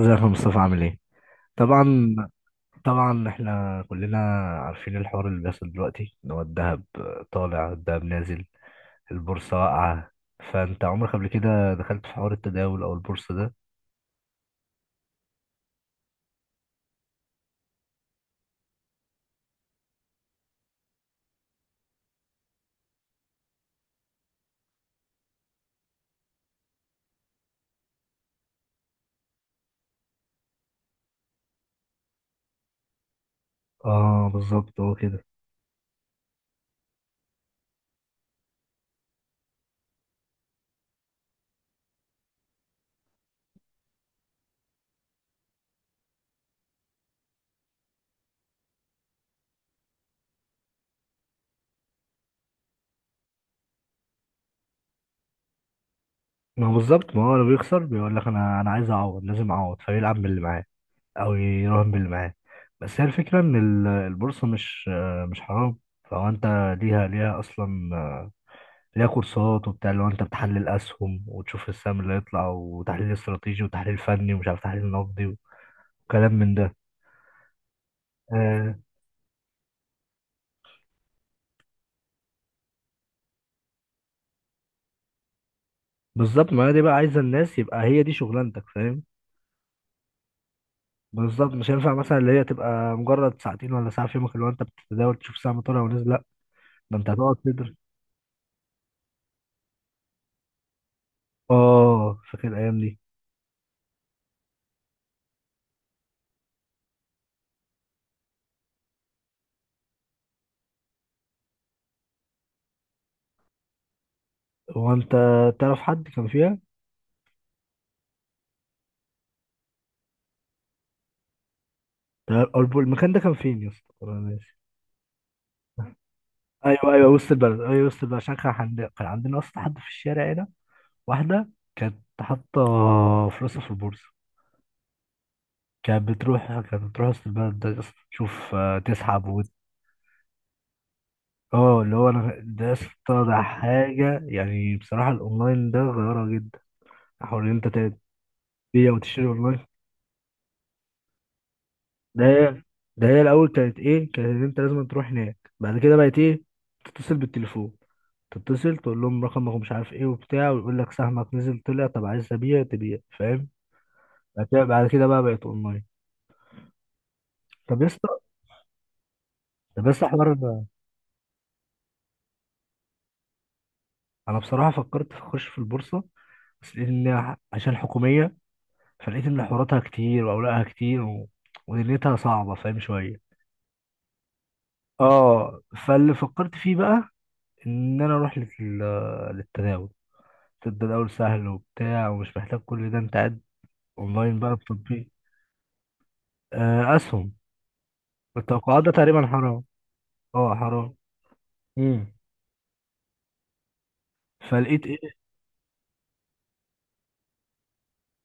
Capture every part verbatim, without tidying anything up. ازيك يا مصطفى، عامل ايه؟ طبعا. طبعا، احنا كلنا عارفين الحوار اللي بيحصل دلوقتي ان هو الذهب طالع، الذهب نازل، البورصة واقعة. فانت عمرك قبل كده دخلت في حوار التداول او البورصة ده؟ اه، بالظبط هو كده. ما هو بالظبط. ما هو لو بيخسر بيقول لك انا انا عايز اعوض، لازم اعوض، فيلعب باللي معاه او يراهن باللي معاه. بس هي الفكرة ان ال- البورصة مش مش حرام. فهو انت ليها ليها اصلا، ليها كورسات وبتاع، اللي هو انت بتحلل اسهم وتشوف السهم اللي هيطلع، وتحليل استراتيجي وتحليل فني ومش عارف تحليل نقدي وكلام من ده. آه، بالظبط. ما هي دي بقى، عايزه الناس يبقى هي دي شغلانتك، فاهم؟ بالظبط، مش هينفع مثلا اللي هي تبقى مجرد ساعتين ولا ساعه في يومك اللي هو انت بتتداول تشوف سهم طالع ونزل. لا، ده انت هتقعد تدرس. اه، فاكر الايام دي. هو انت تعرف حد كان فيها؟ تعرف- أو المكان ده كان فين يا اسطى؟ أنا ناسي. ايوه ايوه، وسط البلد، ايوه وسط البلد، عشان كان عندنا كان عندنا اصلا حد في الشارع هنا. واحدة كانت حاطة فلوسها في البورصة. كانت بتروح كانت بتروح وسط البلد ده يا اسطى، تشوف آه، تسحب وت... اه، اللي هو انا ده يا اسطى، ده حاجة يعني بصراحة الاونلاين ده غيرها جدا. حوار ان انت تبيع وتشتري اونلاين. ده هي- ده هي الاول كانت ايه، كانت ان انت لازم تروح هناك، بعد كده بقت ايه، تتصل بالتليفون، تتصل تقول لهم رقمك ومش عارف ايه وبتاع، ويقول لك سهمك نزل طلع، طب عايز تبيع تبيع، فاهم؟ بعد كده بعد كده بقى بقت اونلاين. طب يا اسطى طب يا اسطى حوار... انا بصراحه فكرت في اخش في البورصه، بس لان عشان حكوميه، فلقيت ان حواراتها كتير واوراقها كتير و... ودنيتها صعبه، فاهم؟ شويه. اه. فاللي فكرت فيه بقى ان انا اروح لل... للتداول. التداول سهل وبتاع ومش محتاج كل ده، انت قاعد اونلاين بقى بتطبيق. آه، اسهم. التوقعات ده تقريبا حرام. اه حرام. امم فلقيت ايه...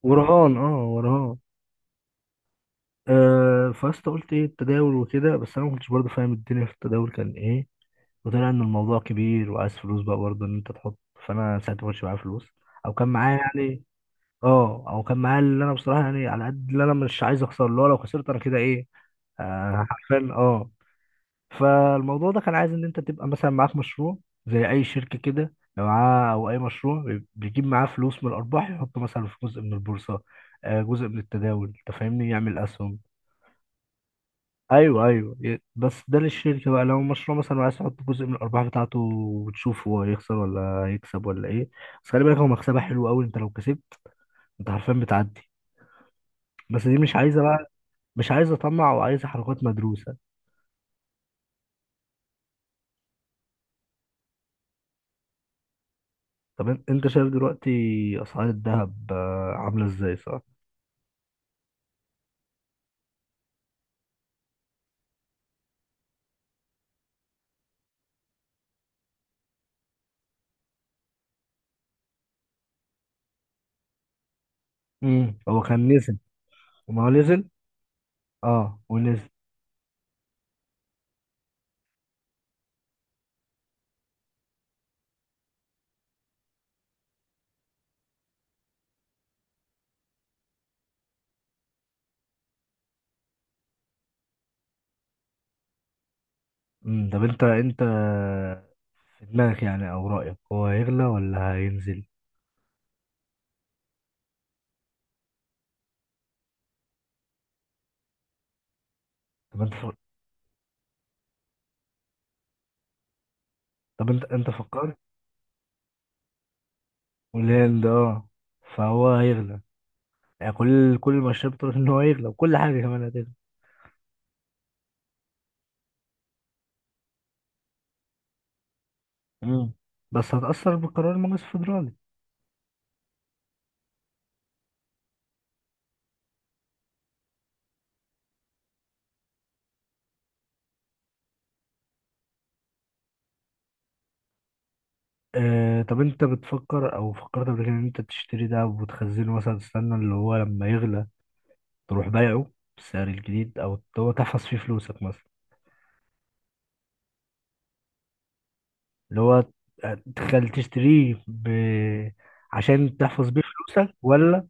ورهان، اه ورهان. آه، فاست قلت ايه التداول وكده، بس انا ما كنتش برضه فاهم الدنيا في التداول كان ايه، وطلع ان الموضوع كبير وعايز فلوس بقى برضه ان انت تحط. فانا ساعتها ما كانش معايا فلوس، او كان معايا يعني... اه، او كان معايا اللي انا بصراحه يعني على قد اللي انا مش عايز اخسر، اللي هو لو خسرت انا كده ايه؟ آه حرفيا، اه. فالموضوع ده كان عايز ان انت تبقى مثلا معاك مشروع زي اي شركه كده لو معاه، او اي مشروع بي- بيجيب معاه فلوس من الارباح، يحط مثلا في جزء من البورصه، آه، جزء من التداول، انت فاهمني، يعمل اسهم. ايوه ايوه، ي- بس ده للشركه بقى. لو مشروع مثلا، عايز تحط جزء من الارباح بتاعته وتشوف هو هيخسر ولا هيكسب ولا ايه. بس خلي بالك هو مكسبها حلو قوي، انت لو كسبت انت حرفيا بتعدي. بس دي مش عايزه بقى، مش عايزه طمع، وعايزه حركات مدروسه. طب ان- انت شايف دلوقتي اسعار الذهب آه، عامله ازاي، صح؟ امم هو كان نزل. ما هو نزل. اه، ونزل. امم طب انت، انت في دماغك يعني او رايك هو هيغلى ولا هينزل؟ طب انت طب انت انت فكرت... والهند، اه. فهو هيغلى. يعني كل كل المؤشرات بتقول ان هو هيغلى، وكل حاجه كمان هتغلى. امم بس هتأثر بالقرار المجلس الفدرالي. آه. طب انت بتفكر او فكرت قبل كده ان انت تشتري ده وتخزنه، مثلا تستنى اللي هو لما يغلى تروح بايعه بالسعر الجديد، او اللي هو تحفظ فيه فلوسك مثلا؟ اللي هو تخل تشتريه ب... عشان تحفظ بيه فلوسك، ولا...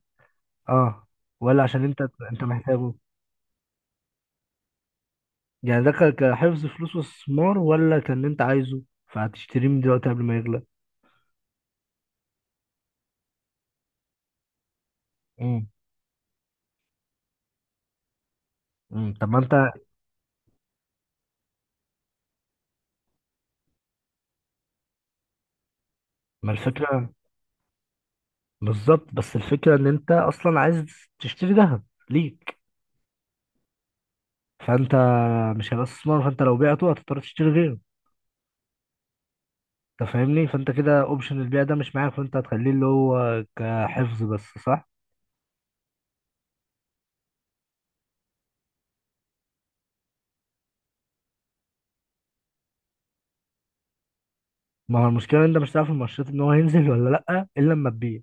اه. ولا عشان انت انت محتاجه؟ يعني ده ك- كحفظ فلوس واستثمار، ولا كان انت عايزه فهتشتريه من دلوقتي قبل ما يغلى؟ امم امم طب ما انت... ما الفكره. بالظبط. بس الفكره ان انت اصلا عايز تشتري ذهب ليك. فانت مش هيبقى استثمار، فانت لو بعته هتضطر تشتري غيره. انت فاهمني، فانت كده اوبشن البيع ده مش معاك، فانت هتخليه اللي هو كحفظ بس، صح؟ ما هو المشكله ان انت مش هتعرف المؤشرات ان هو هينزل ولا لا الا لما تبيع.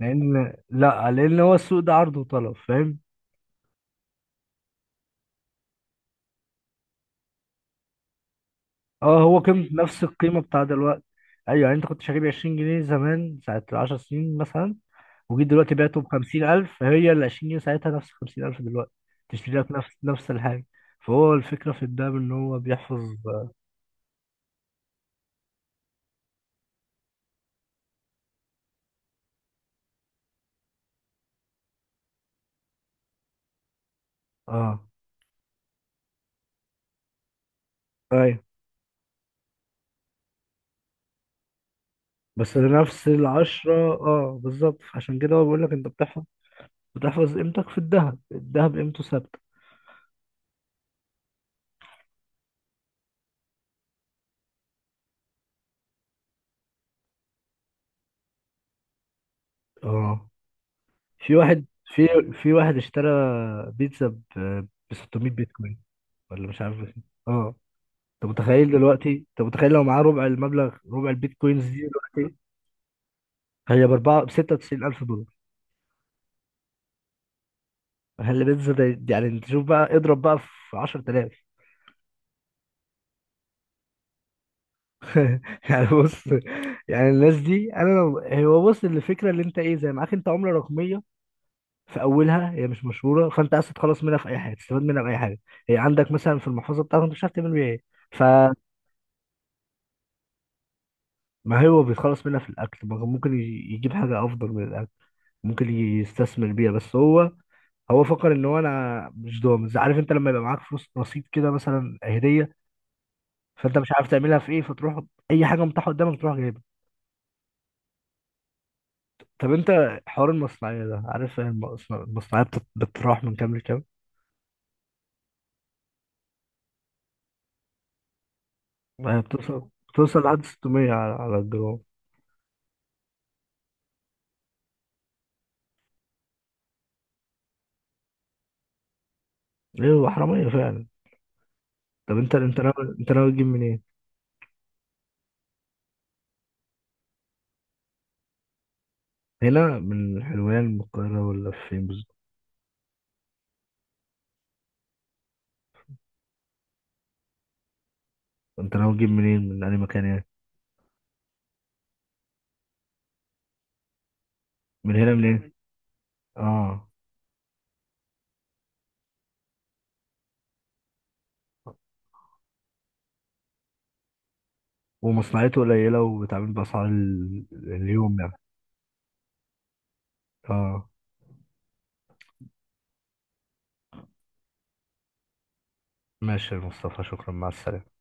لان... لا، لان هو السوق ده عرض وطلب، فاهم؟ اه، هو قيمة نفس القيمة بتاع دلوقتي. ايوه، يعني انت كنت شاريه ب عشرين جنيه زمان، ساعة 10 سنين مثلا، وجيت دلوقتي بعته ب خمسين ألف. هي ال عشرين جنيه ساعتها نفس خمسين ألف دلوقتي، تشتري لك نفس نفس الحاجة. فهو الفكرة في الدهب ان هو بيحفظ. اه، ايوه. بس نفس العشرة، اه بالظبط، عشان كده هو بيقول لك انت بتحفظ، بتحفظ قيمتك في الذهب. الذهب قيمته ثابتة. اه. في واحد في في واحد اشترى بيتزا ب ب ستمية بيتكوين ولا مش عارف. اه، انت متخيل دلوقتي، انت متخيل لو معاه ربع المبلغ، ربع البيتكوينز دي دلوقتي؟ هي باربعة، بستة وتسعين ألف دولار. هل بيتزا ده؟ يعني انت شوف بقى، اضرب بقى في عشرة آلاف. يعني بص، يعني الناس دي انا لو... هو بص، الفكرة اللي انت ايه، زي معاك انت عملة رقمية في اولها، هي مش مشهورة، فانت عايز تتخلص منها في اي حاجة تستفاد منها، في اي حاجة هي عندك مثلا في المحفظة بتاعتك انت مش عارف تعمل بيها ايه، فما... هو بيتخلص منها في الاكل. ما هو ممكن يجيب حاجة افضل من الاكل، ممكن يستثمر بيها، بس هو هو فكر ان هو انا مش ضامن. عارف انت لما يبقى معاك فلوس رصيد كده مثلا هديه، فانت مش عارف تعملها في ايه، فتروح اي حاجه متاحه قدامك تروح جايبها. طب انت، حوار المصنعيه ده، عارف المصنع- المصنعيه بتت- بتتراوح من كام لكام؟ آه، بتوصل بتوصل لحد ستمائة على على الجرام. ايه، هو حراميه فعلا. طب انت، انت ناوي انت ناوي تجيب منين؟ هنا من حلوان، من القاهره، ولا فين بالظبط؟ انت ناوي تجيب منين؟ من اي مكان يعني؟ من هنا منين؟ اه. ومصنعيته قليله وبتعمل باسعار ال- اليوم يعني. اه. ماشي يا مصطفى، شكرا. مع السلامة.